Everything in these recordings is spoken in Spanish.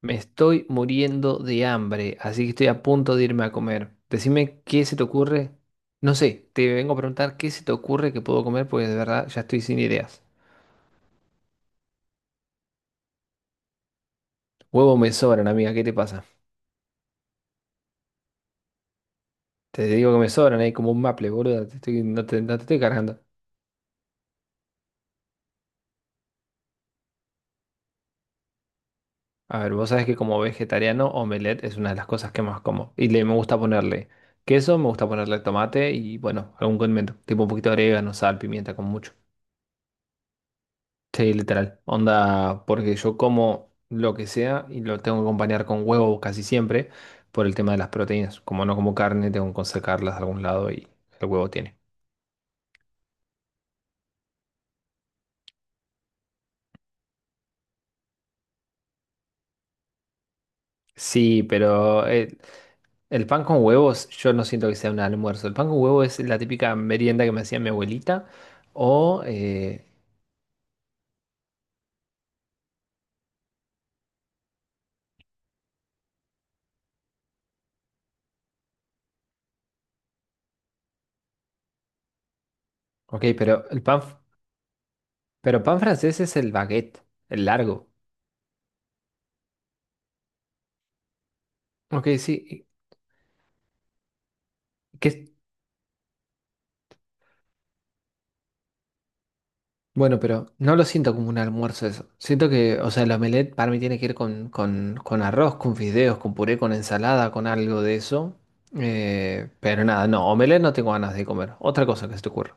Me estoy muriendo de hambre, así que estoy a punto de irme a comer. Decime qué se te ocurre. No sé, te vengo a preguntar qué se te ocurre que puedo comer porque de verdad ya estoy sin ideas. Huevos me sobran, amiga, ¿qué te pasa? Te digo que me sobran, hay como un maple, boludo. No te estoy cargando. A ver, vos sabés que como vegetariano, omelette es una de las cosas que más como. Y le me gusta ponerle queso, me gusta ponerle tomate y bueno, algún condimento. Tipo un poquito de orégano, sal, pimienta, con mucho. Sí, literal. Onda, porque yo como lo que sea y lo tengo que acompañar con huevo casi siempre por el tema de las proteínas. Como no como carne, tengo que sacarlas de algún lado y el huevo tiene. Sí, pero pan con huevos yo no siento que sea un almuerzo. El pan con huevo es la típica merienda que me hacía mi abuelita. O, eh, ok, pero pero pan francés es el baguette, el largo. Ok, sí. ¿Qué, Bueno, pero no lo siento como un almuerzo eso. Siento que, o sea, el omelette para mí tiene que ir con arroz, con fideos, con puré, con ensalada, con algo de eso. Pero nada, no, omelette no tengo ganas de comer. Otra cosa que se te ocurra.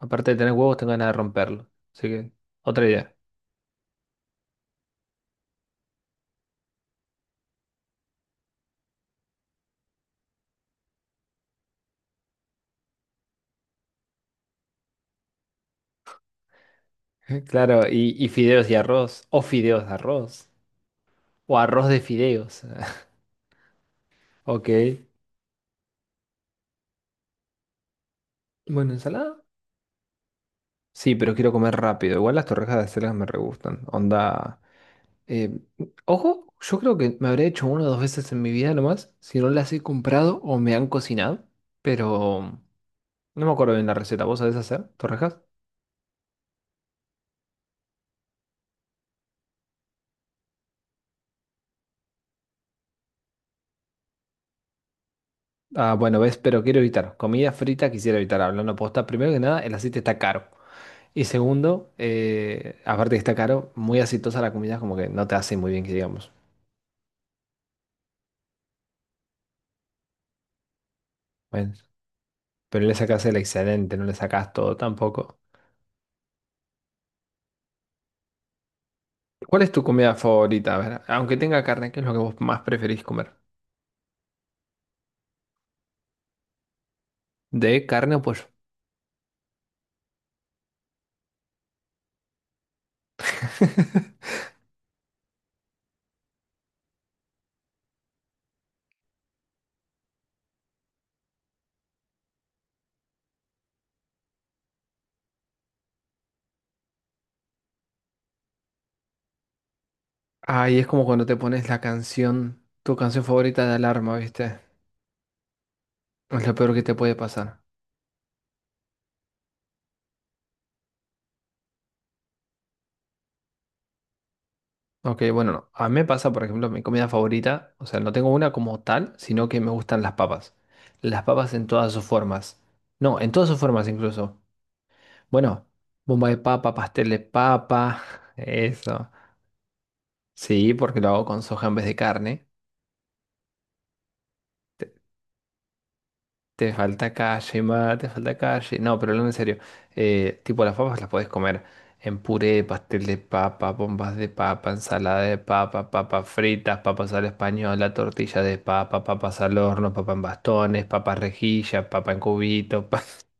Aparte de tener huevos, tengo ganas de romperlo. Así que, otra idea. Claro, y fideos y arroz. O fideos de arroz. O arroz de fideos. Ok. Bueno, ensalada. Sí, pero quiero comer rápido. Igual las torrejas de acelgas me re gustan. Onda. Eh, Ojo, yo creo que me habré hecho una o dos veces en mi vida nomás, si no las he comprado o me han cocinado, pero no me acuerdo bien la receta. ¿Vos sabés hacer torrejas? Ah, bueno, ves, pero quiero evitar. Comida frita quisiera evitar, hablando posta. Primero que nada, el aceite está caro. Y segundo, aparte que está caro, muy aceitosa la comida, como que no te hace muy bien que digamos. Bueno, pero le sacás el excedente, no le sacás todo tampoco. ¿Cuál es tu comida favorita? A ver, aunque tenga carne, ¿qué es lo que vos más preferís comer? ¿De carne o pollo? Ay, es como cuando te pones la canción, tu canción favorita de alarma, ¿viste? Es lo peor que te puede pasar. Ok, bueno, no. A mí me pasa, por ejemplo, mi comida favorita, o sea, no tengo una como tal, sino que me gustan las papas. Las papas en todas sus formas. No, en todas sus formas incluso. Bueno, bomba de papa, pastel de papa, eso. Sí, porque lo hago con soja en vez de carne. Te falta calle, ma, te falta calle. No, pero hablando en serio, tipo las papas las podés comer en puré, pastel de papa, bombas de papa, ensalada de papa, papas fritas, papas a la española, tortilla de papa, papas al horno, papa en bastones, papa rejilla, papa en cubito,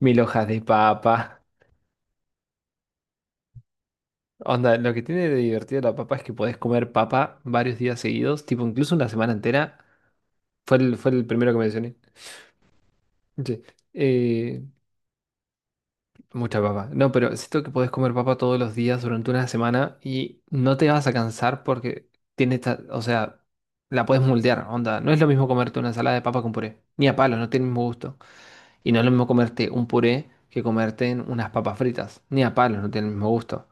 mil hojas de papa. Onda, lo que tiene de divertido la papa es que podés comer papa varios días seguidos, tipo incluso una semana entera. Fue el primero que mencioné. Sí. Eh, Mucha papa. No, pero siento que podés comer papa todos los días durante una semana y no te vas a cansar porque tiene esta, o sea, la puedes moldear, onda. No es lo mismo comerte una ensalada de papa con puré, ni a palo, no tiene el mismo gusto. Y no es lo mismo comerte un puré que comerte en unas papas fritas, ni a palo, no tiene el mismo gusto.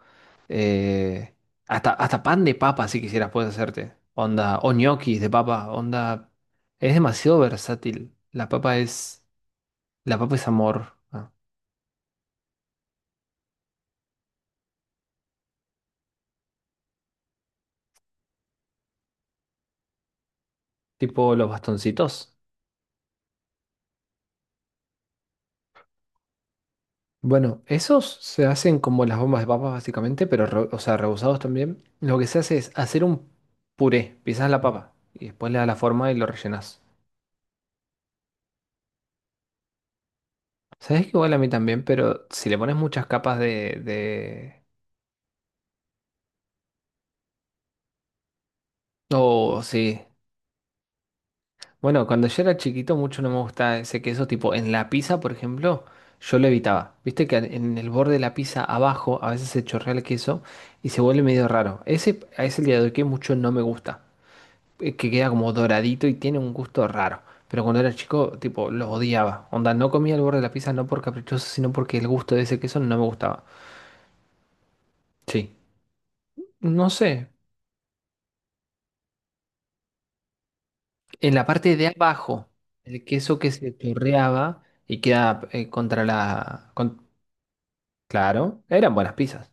Eh, hasta pan de papa si quisieras puedes hacerte, onda, o ñoquis de papa, onda. Es demasiado versátil. La papa es amor. Tipo los bastoncitos. Bueno, esos se hacen como las bombas de papas básicamente, pero o sea, rebusados también. Lo que se hace es hacer un puré, pisas la papa y después le das la forma y lo rellenas. Sabes que igual a mí también, pero si le pones muchas capas de. Oh, sí. Bueno, cuando yo era chiquito mucho no me gustaba ese queso, tipo en la pizza, por ejemplo, yo lo evitaba. Viste que en el borde de la pizza abajo a veces se chorrea el queso y se vuelve medio raro. A ese día de hoy que mucho no me gusta. Que queda como doradito y tiene un gusto raro. Pero cuando era chico, tipo, lo odiaba. Onda, no comía el borde de la pizza no por caprichoso, sino porque el gusto de ese queso no me gustaba. Sí. No sé. En la parte de abajo, el queso que se torreaba y queda contra la. Claro, eran buenas pizzas.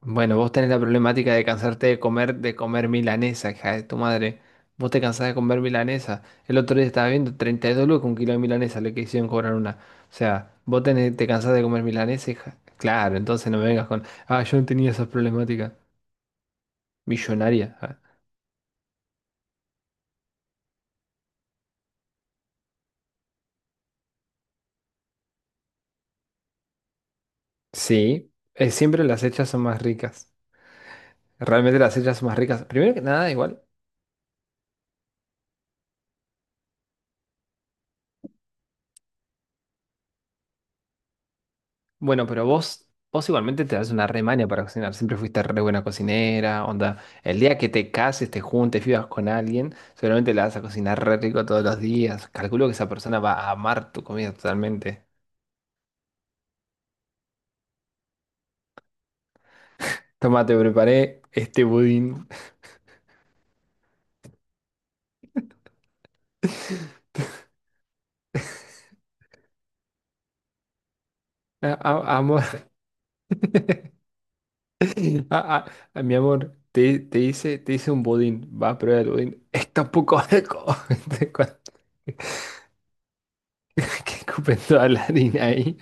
Bueno, vos tenés la problemática de cansarte de comer milanesa, hija de tu madre. Vos te cansás de comer milanesa. El otro día estaba viendo 32 lucas un kilo de milanesa, le quisieron cobrar una. O sea, te cansás de comer milanesa, hija. Claro, entonces no me vengas con, yo no tenía esas problemáticas. Millonaria. Ah. Sí, siempre las hechas son más ricas. Realmente las hechas son más ricas. Primero que nada, igual. Bueno, pero vos igualmente te das una remaña para cocinar. Siempre fuiste re buena cocinera, onda. El día que te cases, te juntes, vivas con alguien, seguramente la vas a cocinar re rico todos los días. Calculo que esa persona va a amar tu comida totalmente. Toma, te preparé este budín. Amor, a- a- mi amor, te hice un budín. Va a probar el budín. Está un poco seco. Que escupen toda la harina ahí.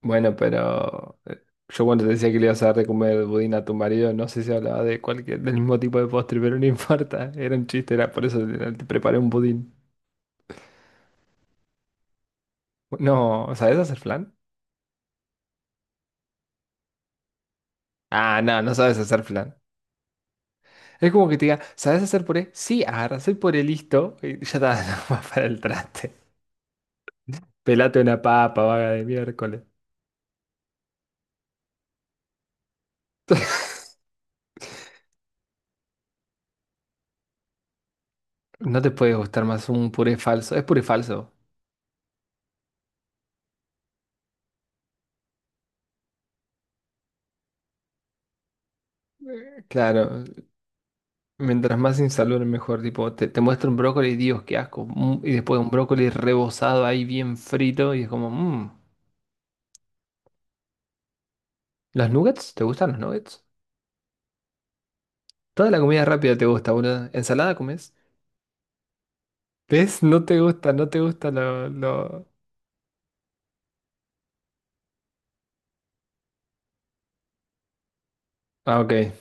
Bueno, pero yo cuando te decía que le ibas a dar de comer budín a tu marido, no sé si hablaba de cualquier, del mismo tipo de postre, pero no importa, era un chiste, era por eso te preparé un budín. No, ¿sabes hacer flan? Ah, no, no sabes hacer flan. Es como que te diga, ¿sabes hacer puré? Sí, agarras el puré listo y ya está, no va para el traste. Pelate una papa, vaga de miércoles. No te puede gustar más un puré falso. Es puré falso. Claro. Mientras más insalubre, mejor. Tipo, te muestra un brócoli, Dios, qué asco. Y después un brócoli rebozado ahí bien frito. Y es como, mmm. ¿Los nuggets? ¿Te gustan los nuggets? Toda la comida rápida te gusta, boludo. ¿Ensalada comes? ¿Ves? No te gusta, no te gusta lo. Ah, ok.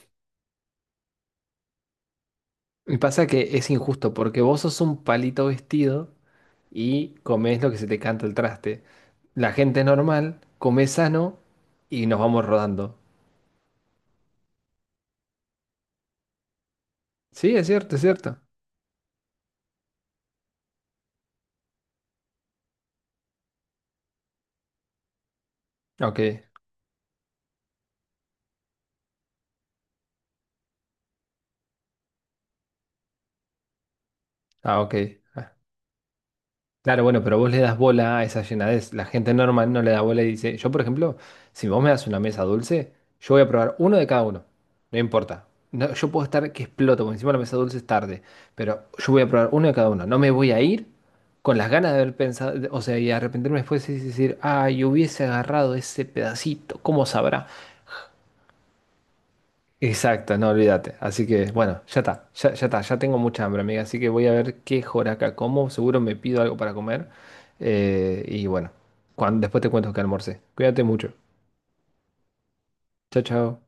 Y pasa que es injusto porque vos sos un palito vestido y comés lo que se te canta el traste. La gente normal come sano y nos vamos rodando. Sí, es cierto, es cierto. Ok. Ah, ok. Claro, bueno, pero vos le das bola a esa llenadez. La gente normal no le da bola y dice, yo por ejemplo, si vos me das una mesa dulce, yo voy a probar uno de cada uno. No importa. No, yo puedo estar que exploto, porque encima la mesa dulce es tarde, pero yo voy a probar uno de cada uno. No me voy a ir con las ganas de haber pensado, o sea, y arrepentirme después y decir, ay, hubiese agarrado ese pedacito, ¿cómo sabrá? Exacto, no olvídate. Así que bueno, ya está, ya está, ya tengo mucha hambre, amiga. Así que voy a ver qué joraca como. Seguro me pido algo para comer. Y bueno, después te cuento que almorcé. Cuídate mucho. Chao, chao.